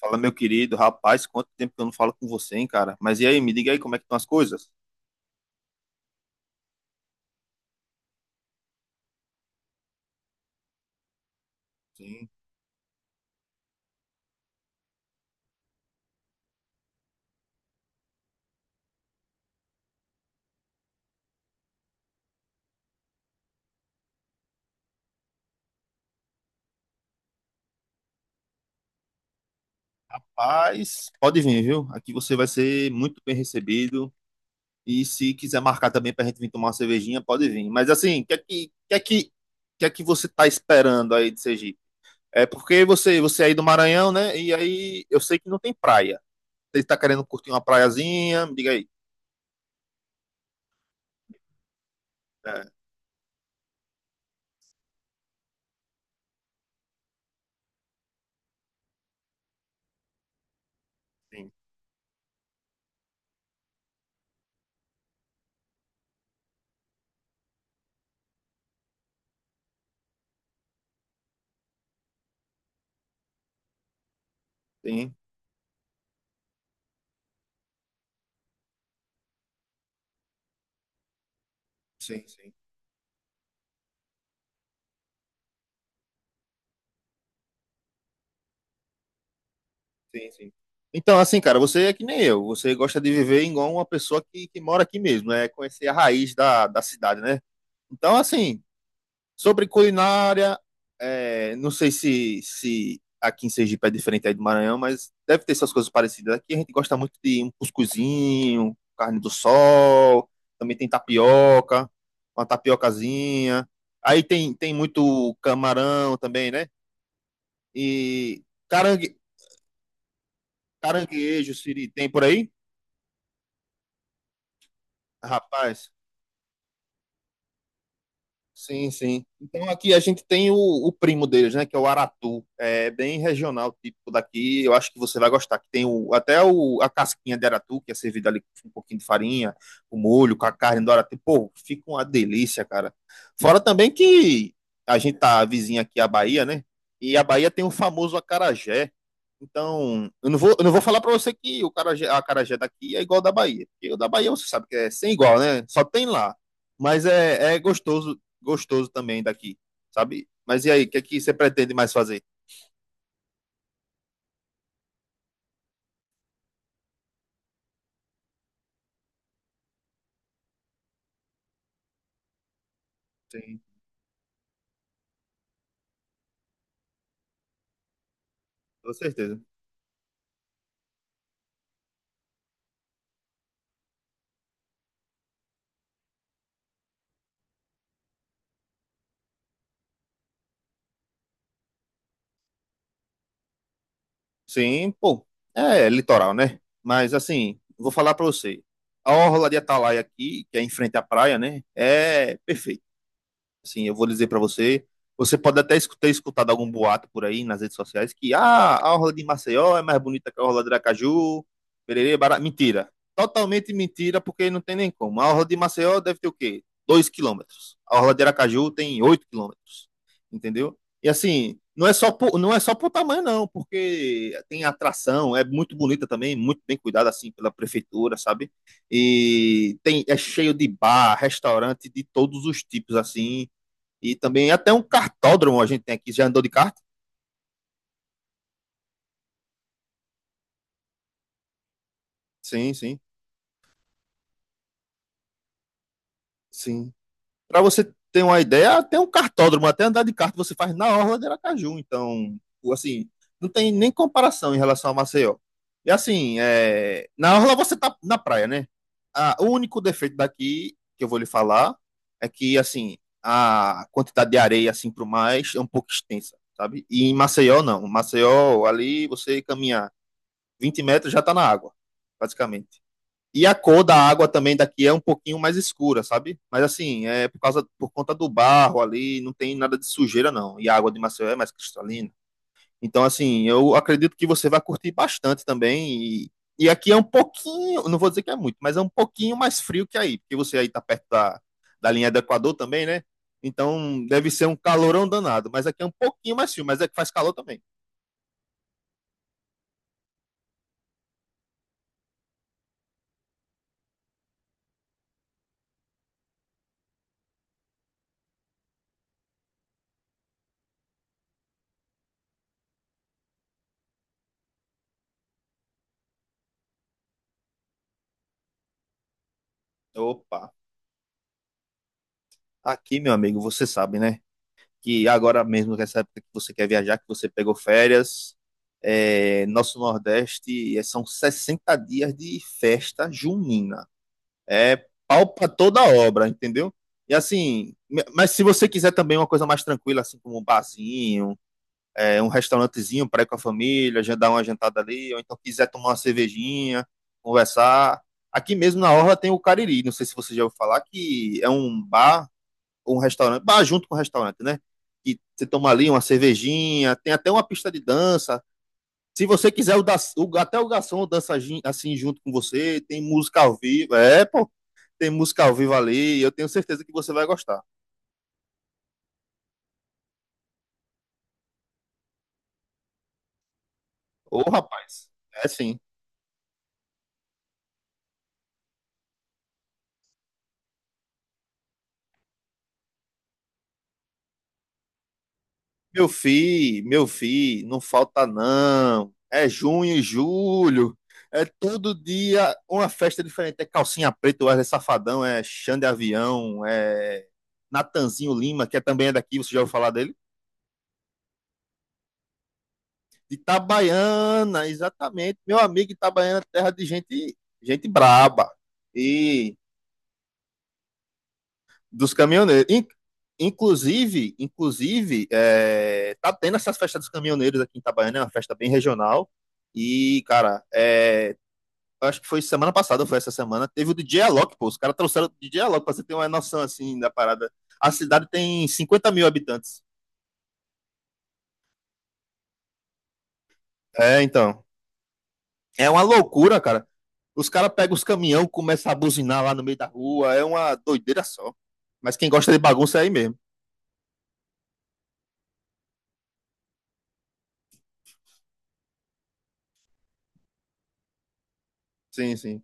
Fala, meu querido, rapaz, quanto tempo que eu não falo com você, hein, cara? Mas e aí, me diga aí como é que estão as coisas? Sim. Rapaz, pode vir, viu? Aqui você vai ser muito bem recebido. E se quiser marcar também pra gente vir tomar uma cervejinha, pode vir. Mas assim, o que é que é que é que você tá esperando aí de Sergipe? É porque você, você é aí do Maranhão, né? E aí eu sei que não tem praia. Você tá querendo curtir uma praiazinha? Me diga aí. É, sim, sim, sim, sim. Sim, sim. Então, assim, cara, você é que nem eu. Você gosta de viver igual uma pessoa que mora aqui mesmo, né? Conhecer a raiz da cidade, né? Então, assim, sobre culinária, é, não sei se aqui em Sergipe é diferente aí do Maranhão, mas deve ter essas coisas parecidas. Aqui a gente gosta muito de um cuscuzinho, carne do sol, também tem tapioca, uma tapiocazinha. Aí tem, tem muito camarão também, né? E carangue, caranguejo, siri, tem por aí? Rapaz, sim, sim. Então aqui a gente tem o primo deles, né? Que é o Aratu. É bem regional, típico daqui. Eu acho que você vai gostar. Que tem o, até o, a casquinha de Aratu, que é servida ali com um pouquinho de farinha, o molho, com a carne do Aratu. Pô, fica uma delícia, cara. Fora também que a gente tá vizinha aqui à Bahia, né? E a Bahia tem o famoso acarajé. Então, eu não vou falar pra você que o carajé, a acarajé daqui é igual ao da Bahia. Porque o da Bahia você sabe que é sem igual, né? Só tem lá. Mas é, é gostoso gostoso também daqui, sabe? Mas e aí, o que é que você pretende mais fazer? Sim, com certeza. Sim, pô, é litoral, né? Mas assim, vou falar pra você. A orla de Atalaia aqui, que é em frente à praia, né? É perfeita. Assim, eu vou dizer para você, você pode ter escutado algum boato por aí nas redes sociais que ah, a orla de Maceió é mais bonita que a orla de Aracaju, pererê, bará. Mentira. Totalmente mentira, porque não tem nem como. A orla de Maceió deve ter o quê? 2 quilômetros. A orla de Aracaju tem 8 quilômetros. Entendeu? E assim, não é só por tamanho, não, porque tem atração, é muito bonita também, muito bem cuidada assim pela prefeitura, sabe? E tem, é cheio de bar, restaurante de todos os tipos, assim. E também até um cartódromo a gente tem aqui. Já andou de kart? Sim, sim, sim. Para você ter uma ideia, até um cartódromo, até andar de kart você faz na orla de Aracaju. Então, assim, não tem nem comparação em relação a Maceió. E assim, é, na orla você tá na praia, né? Ah, o único defeito daqui que eu vou lhe falar é que assim a quantidade de areia assim pro mais é um pouco extensa, sabe? E em Maceió não. Em Maceió ali você caminhar 20 metros já tá na água, basicamente. E a cor da água também daqui é um pouquinho mais escura, sabe? Mas assim, é por causa, por conta do barro ali, não tem nada de sujeira não. E a água de Maceió é mais cristalina. Então assim, eu acredito que você vai curtir bastante também. E, e aqui é um pouquinho, não vou dizer que é muito, mas é um pouquinho mais frio que aí, porque você aí tá perto da linha do Equador também, né? Então deve ser um calorão danado, mas aqui é um pouquinho mais frio, mas é que faz calor também. Opa, aqui meu amigo, você sabe, né? Que agora mesmo, nessa época que você quer viajar, que você pegou férias, é, nosso Nordeste é, são 60 dias de festa junina. É pau pra toda obra, entendeu? E assim, mas se você quiser também uma coisa mais tranquila, assim como um barzinho, é, um restaurantezinho para ir com a família, já dar uma jantada ali, ou então quiser tomar uma cervejinha, conversar. Aqui mesmo na Orla tem o Cariri, não sei se você já ouviu falar, que é um bar um restaurante, bar junto com o restaurante, né? Que você toma ali uma cervejinha, tem até uma pista de dança. Se você quiser, o da, o, até o garçom dança assim junto com você, tem música ao vivo. É, pô, tem música ao vivo ali. Eu tenho certeza que você vai gostar. Ô, rapaz, é sim. Meu filho, não falta não. É junho e julho. É todo dia uma festa diferente. É calcinha preta, Wesley Safadão, é Xande Avião, é Natanzinho Lima, que é também é daqui, você já ouviu falar dele? De Itabaiana, exatamente. Meu amigo Itabaiana, terra de gente, gente braba. E dos caminhoneiros. Inclusive, é, tá tendo essas festas dos caminhoneiros aqui em Itabaiana, é uma festa bem regional. E, cara, é, acho que foi semana passada, ou foi essa semana, teve o DJ Alok, pô. Os caras trouxeram o DJ Alok, pra você ter uma noção, assim, da parada. A cidade tem 50 mil habitantes. É, então. É uma loucura, cara. Os caras pegam os caminhão, começam a buzinar lá no meio da rua. É uma doideira só. Mas quem gosta de bagunça é aí mesmo. Sim, sim.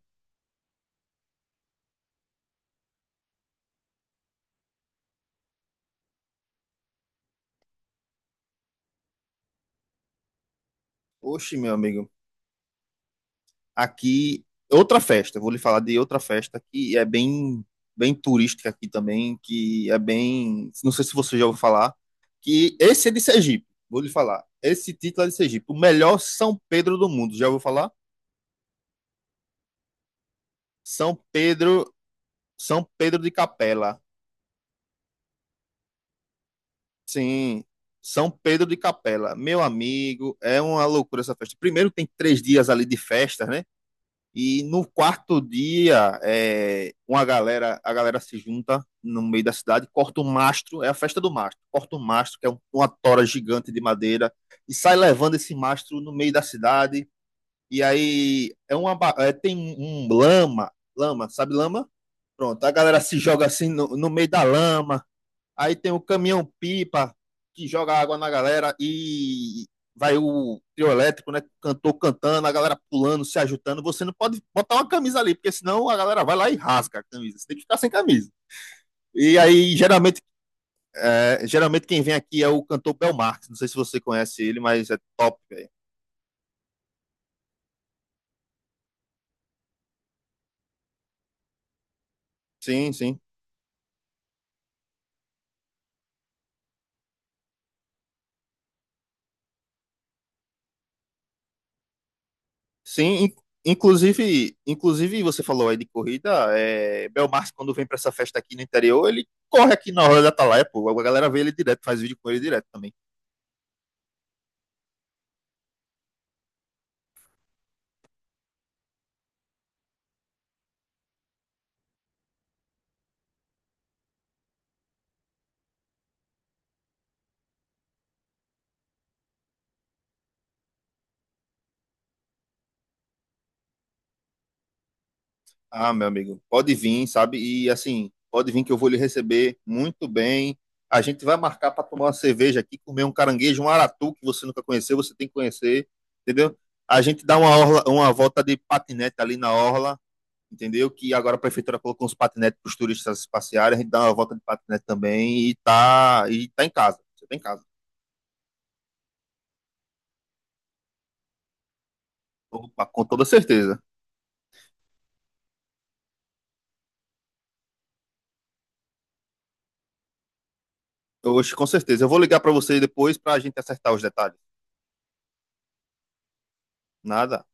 Oxe, meu amigo. Aqui, outra festa, eu vou lhe falar de outra festa que é bem, bem turística aqui também, que é bem, não sei se você já ouviu falar, que esse é de Sergipe, vou lhe falar. Esse título é de Sergipe, o melhor São Pedro do mundo, já ouviu falar? São Pedro, São Pedro de Capela. Sim, São Pedro de Capela. Meu amigo, é uma loucura essa festa. Primeiro tem 3 dias ali de festa, né? E no quarto dia, é, uma galera, a galera se junta no meio da cidade, corta o mastro, é a festa do mastro, corta o mastro, que é uma tora gigante de madeira, e sai levando esse mastro no meio da cidade. E aí é uma, ba- é, tem um lama, lama, sabe lama? Pronto, a galera se joga assim no meio da lama. Aí tem o caminhão pipa que joga água na galera e vai o trio elétrico, né? Cantor cantando, a galera pulando, se ajudando. Você não pode botar uma camisa ali, porque senão a galera vai lá e rasga a camisa. Você tem que ficar sem camisa. E aí, geralmente, é, geralmente quem vem aqui é o cantor Bel Marx. Não sei se você conhece ele, mas é top, velho. Sim, sim. Sim, inclusive, você falou aí de corrida, é, Belmarce quando vem pra essa festa aqui no interior, ele corre aqui na hora da Atalaia, pô, a galera vê ele direto, faz vídeo com ele direto também. Ah, meu amigo, pode vir, sabe? E assim, pode vir que eu vou lhe receber muito bem. A gente vai marcar pra tomar uma cerveja aqui, comer um caranguejo, um aratu que você nunca conheceu, você tem que conhecer, entendeu? A gente dá uma volta de patinete ali na orla, entendeu? Que agora a prefeitura colocou uns patinetes para os turistas passearem, a gente dá uma volta de patinete também e tá em casa. Você tá em casa. Opa, com toda certeza. Hoje, com certeza. Eu vou ligar para você depois para a gente acertar os detalhes. Nada.